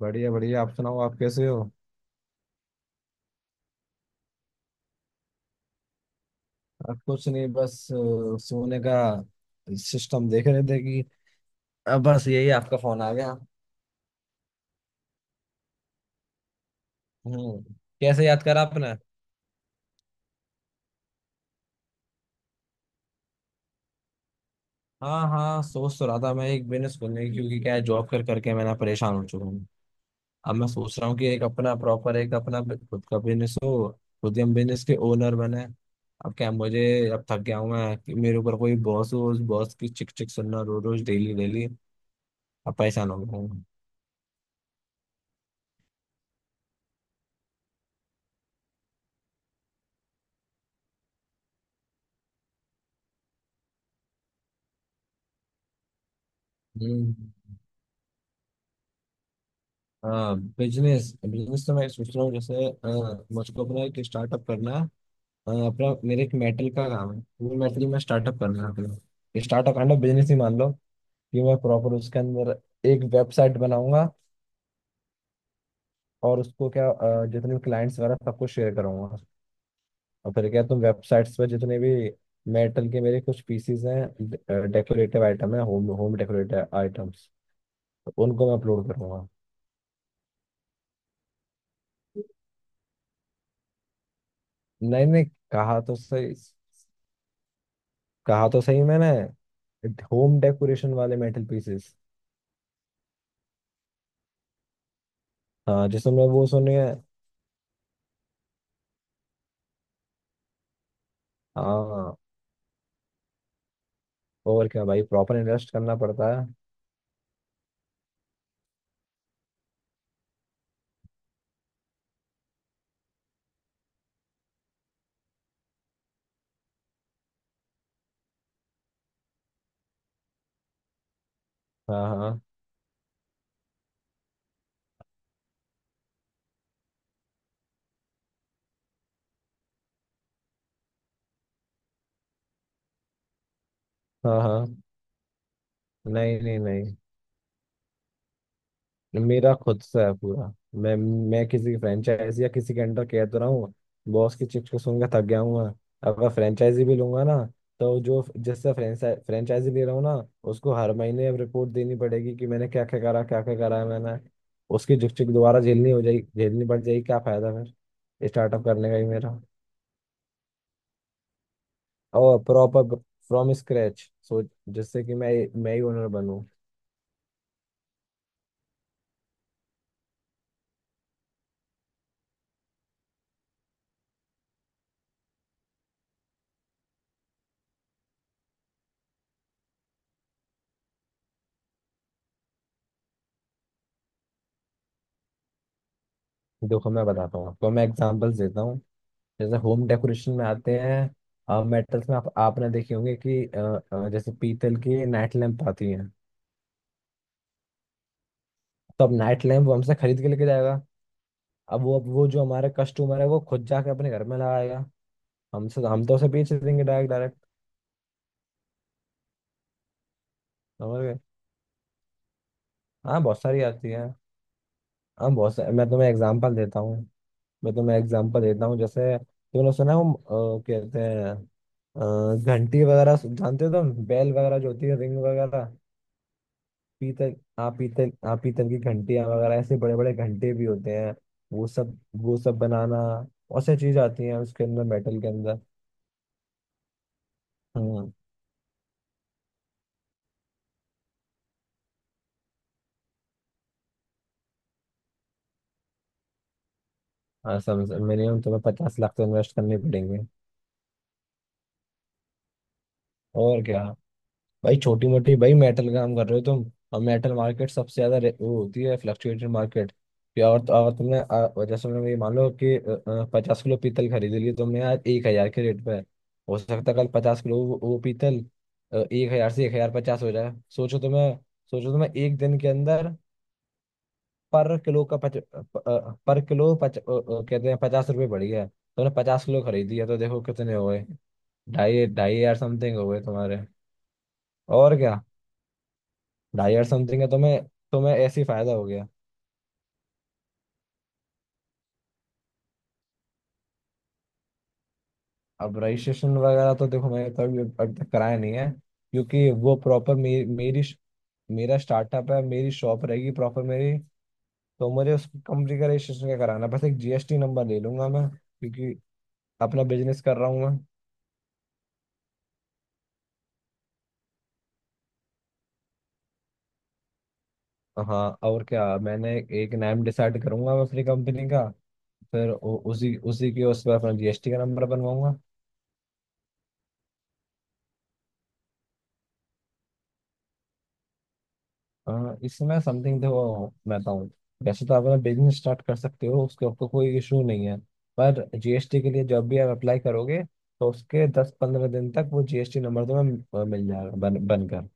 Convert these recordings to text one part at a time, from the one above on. बढ़िया बढ़िया आप सुनाओ आप कैसे हो। आप कुछ नहीं बस सोने का सिस्टम देख रहे थे कि अब बस यही आपका फोन आ गया। हम्म। कैसे याद करा आपने। हाँ हाँ सोच तो रहा था मैं एक बिजनेस खोलने की क्योंकि क्या है जॉब कर करके मैं ना परेशान हो चुका हूँ। अब मैं सोच रहा हूँ कि एक अपना प्रॉपर खुद का बिजनेस हो। खुद ही हम बिजनेस के ओनर बने। अब क्या है, मुझे अब थक गया हूँ मैं कि मेरे ऊपर कोई बॉस हो बॉस की चिक चिक सुनना रोज रोज डेली डेली अब परेशान हो गया हूँ। हम्म। हाँ बिजनेस बिजनेस तो मैं सोच रहा हूँ जैसे मुझको अपना एक स्टार्टअप करना है। अपना मेरे एक मेटल का काम है वो मेटल में स्टार्टअप करना है अपना स्टार्टअप काइंड ऑफ बिजनेस ही मान लो कि मैं प्रॉपर उसके अंदर एक वेबसाइट बनाऊंगा। और उसको क्या जितने भी क्लाइंट्स वगैरह सबको शेयर करूंगा। और फिर क्या तुम वेबसाइट्स पर जितने भी मेटल के मेरे कुछ पीसीज हैं डेकोरेटिव आइटम है होम होम डेकोरेटिव आइटम्स उनको मैं अपलोड करूंगा। नहीं नहीं। कहा तो सही कहा तो सही मैंने। होम डेकोरेशन वाले मेटल पीसेस। हाँ जिसमें वो सुने। हाँ और क्या भाई प्रॉपर इन्वेस्ट करना पड़ता है। हाँ हाँ हाँ हाँ। नहीं नहीं नहीं। मेरा खुद सा है पूरा। मैं मैं किसी की फ्रेंचाइज या किसी के अंडर कह तो रहा हूँ। बॉस की चिप्स को सुनकर थक गया हूँ मैं। अगर फ्रेंचाइजी भी लूंगा ना तो जो जिससे फ्रेंचाइजी ले रहा हूँ ना उसको हर महीने अब रिपोर्ट देनी पड़ेगी कि मैंने क्या क्या करा है मैंने। उसकी झुकझुक दोबारा झेलनी हो जाएगी झेलनी पड़ जाएगी क्या फायदा फिर स्टार्टअप करने का ही मेरा। और प्रॉपर फ्रॉम स्क्रैच सो जिससे कि मैं ही ओनर बनूं। देखो मैं बताता हूँ आपको मैं एग्जांपल्स देता हूँ। जैसे होम डेकोरेशन में आते हैं मेटल्स में आप आपने देखे होंगे कि जैसे पीतल की नाइट लैंप आती हैं। तो अब नाइट लैंप वो हमसे खरीद के लेके जाएगा। अब वो जो हमारा कस्टमर है वो खुद जाके अपने घर में लगाएगा। हमसे हम तो उसे बेच देंगे डायरेक्ट डायरेक्ट। समझ गए। हाँ बहुत सारी आती है। हाँ बहुत सारी मैं तुम्हें एग्जाम्पल देता हूँ मैं तुम्हें एग्जाम्पल देता हूँ जैसे तुमने सुना है वो कहते हैं घंटी वगैरह जानते हो तुम बेल वगैरह जो होती है रिंग वगैरह। पीतल हाँ पीतल हाँ पीतल की घंटियां वगैरह ऐसे बड़े बड़े घंटे भी होते हैं। वो सब बनाना और सारी चीज आती हैं उसके अंदर मेटल के अंदर। हम्म हाँ समझ मिनिमम तुम्हें 50 लाख तो इन्वेस्ट करने पड़ेंगे। और क्या भाई छोटी मोटी भाई मेटल का काम कर रहे हो तुम। और मेटल मार्केट सबसे ज्यादा वो होती है फ्लक्चुएटेड मार्केट। कि और तो और तुमने जैसे मैंने ये मान लो कि 50 किलो पीतल खरीद लिया तुमने आज 1,000 के रेट पे। हो सकता है कल 50 किलो वो पीतल 1,000 से 1,050 हो जाए। सोचो तुम्हें एक दिन के अंदर पर किलो का पच, प, अ, पर किलो कहते हैं 50 रुपये बढ़ गया तुमने 50 किलो खरीदी है तो देखो कितने हो गए। ढाई ढाई हजार समथिंग हो गए तुम्हारे। और क्या 2,500 समथिंग है तो मैं ऐसे ही फायदा हो गया। अब रजिस्ट्रेशन वगैरह तो देखो मैंने कभी अब तक कराया नहीं है क्योंकि वो प्रॉपर मे, मेरी मेरा स्टार्टअप है मेरी शॉप रहेगी प्रॉपर मेरी। तो मुझे उस कंपनी का रजिस्ट्रेशन का कराना है। बस एक जीएसटी नंबर ले लूंगा मैं क्योंकि अपना बिजनेस कर रहा हूँ मैं। हाँ और क्या मैंने एक नाम डिसाइड करूंगा मैं अपनी कंपनी का फिर उ- उसी उसी के उस पर अपना जीएसटी का नंबर बनवाऊंगा। इसमें समथिंग देखो मैं बताऊँ वैसे तो आप अपना बिजनेस स्टार्ट कर सकते हो उसके आपको कोई इशू नहीं है। पर जीएसटी के लिए जब भी आप अप्लाई करोगे तो उसके 10-15 दिन तक वो जीएसटी नंबर तुम्हें मिल जाएगा बन बनकर।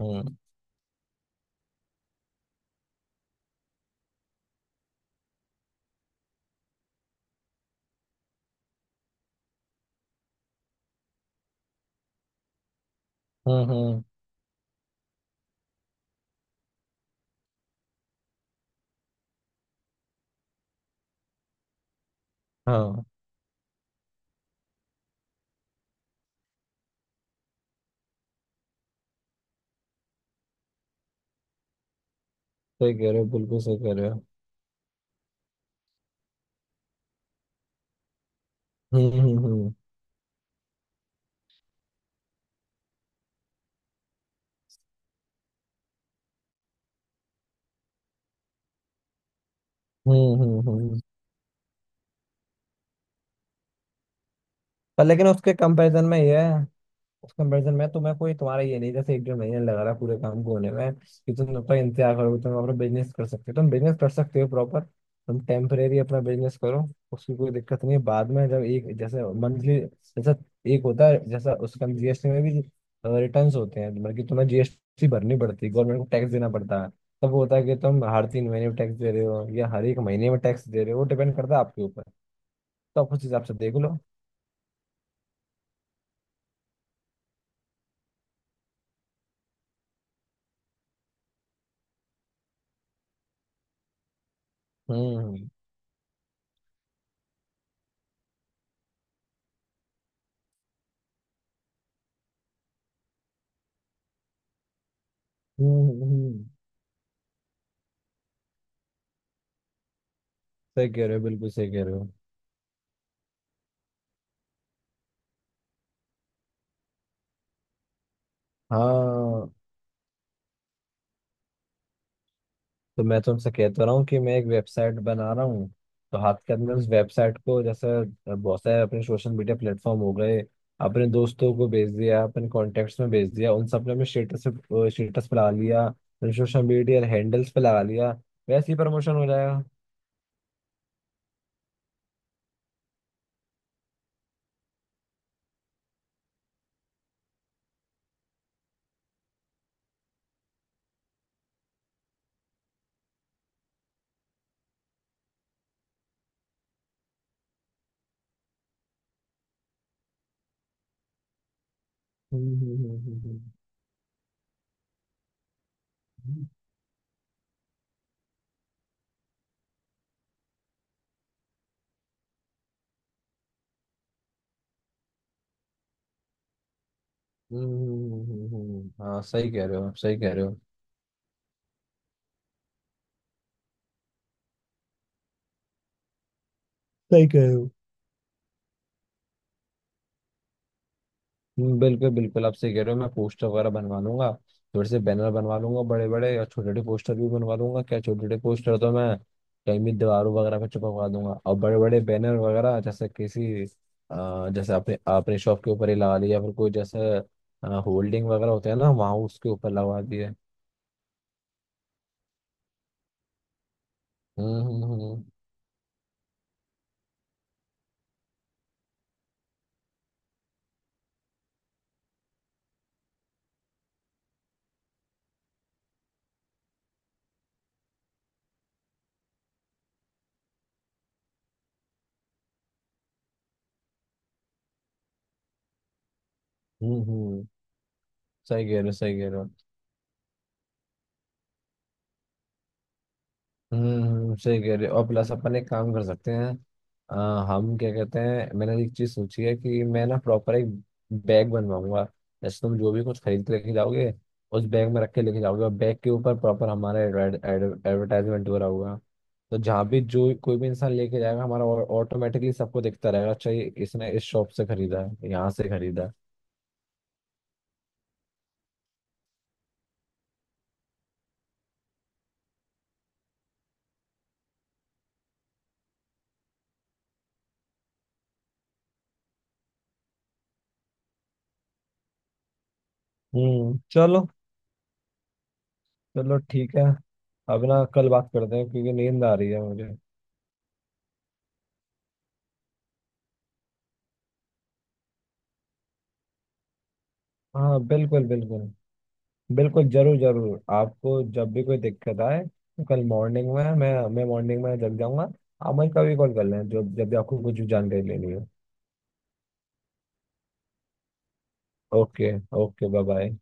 हम्म हम्म हम्म, हाँ सही कह रहे हो बिल्कुल सही कह रहे हो। हम्म हम्म हम्म हम्म। पर लेकिन उसके कंपैरिजन में ये है उस कंपेरिजन में तुम्हें कोई तुम्हारा ये नहीं जैसे एक डेढ़ महीने लगा रहा पूरे काम को होने में कि तुम जब तक इंतजार करोगे तुम अपना बिजनेस कर सकते हो तुम बिजनेस कर सकते हो प्रॉपर। तुम टेम्परेरी अपना बिजनेस करो उसकी कोई दिक्कत नहीं है बाद में जब एक जैसे मंथली जैसा एक होता है जैसा उसका जीएसटी में भी रिटर्न्स होते हैं मतलब कि तुम्हें जीएसटी भरनी पड़ती है गवर्नमेंट को टैक्स देना पड़ता है। तब वो होता है कि तुम हर 3 महीने में टैक्स दे रहे हो या हर एक महीने में टैक्स दे रहे हो वो डिपेंड करता है आपके ऊपर। तो आप उस हिसाब से देख लो। हम्म हम्म हम्म, हम्म। सही कह रहे हो बिल्कुल सही कह रहे हो। हाँ तो मैं तुमसे कह तो रहा हूँ कि मैं एक वेबसाइट बना रहा हूँ। तो हाथ के अंदर उस वेबसाइट को जैसे बहुत सारे अपने सोशल मीडिया प्लेटफॉर्म हो गए। अपने दोस्तों को भेज दिया अपने कॉन्टेक्ट्स में भेज दिया उन सब ने हमें स्टेटस स्टेटस पे लगा लिया अपने सोशल मीडिया हैंडल्स पे लगा लिया। वैसे ही प्रमोशन हो जाएगा। हम्म हम्म हम्म हाँ सही कह रहे हो आप सही कह रहे हो सही कह रहे हो। बिल्कुल बिल्कुल आप सही कह रहे हो मैं पोस्टर वगैरह बनवा लूंगा। थोड़े से बैनर बनवा लूंगा बड़े बड़े और छोटे छोटे पोस्टर भी बनवा लूंगा क्या छोटे छोटे पोस्टर तो मैं कहीं भी दीवारों वगैरह पे चिपकवा दूंगा और बड़े बड़े बैनर वगैरह जैसे किसी जैसे आपने आपने शॉप के ऊपर ही लगा लिया फिर कोई जैसे होल्डिंग वगैरह होते हैं ना वहाँ उसके ऊपर लगा दिए। हम्म हम्म हम्म हम्म हम्म, सही कह रहे हो सही कह रहे हो। सही कह रहे हो और प्लस अपन एक काम कर सकते हैं अ, हम क्या कहते हैं मैंने एक चीज सोची है कि मैं ना प्रॉपर एक बैग बनवाऊंगा। जैसे तुम जो भी कुछ खरीद के लेके जाओगे उस बैग में रख के लेके जाओगे और बैग के ऊपर प्रॉपर हमारा एडवर्टाइजमेंट हो रहा होगा। तो जहाँ भी जो कोई भी इंसान लेके जाएगा हमारा ऑटोमेटिकली सबको दिखता रहेगा अच्छा ये इसने इस शॉप से खरीदा है यहाँ से खरीदा है। चलो चलो ठीक है। अब ना कल बात करते हैं क्योंकि नींद आ रही है मुझे। हाँ बिल्कुल बिल्कुल बिल्कुल जरूर जरूर आपको जब भी कोई दिक्कत आए तो कल मॉर्निंग में मैं मॉर्निंग में जग जाऊंगा। आप मुझे कभी कॉल कर लें जो जब भी आपको कुछ जानकारी लेनी हो। Okay okay bye bye.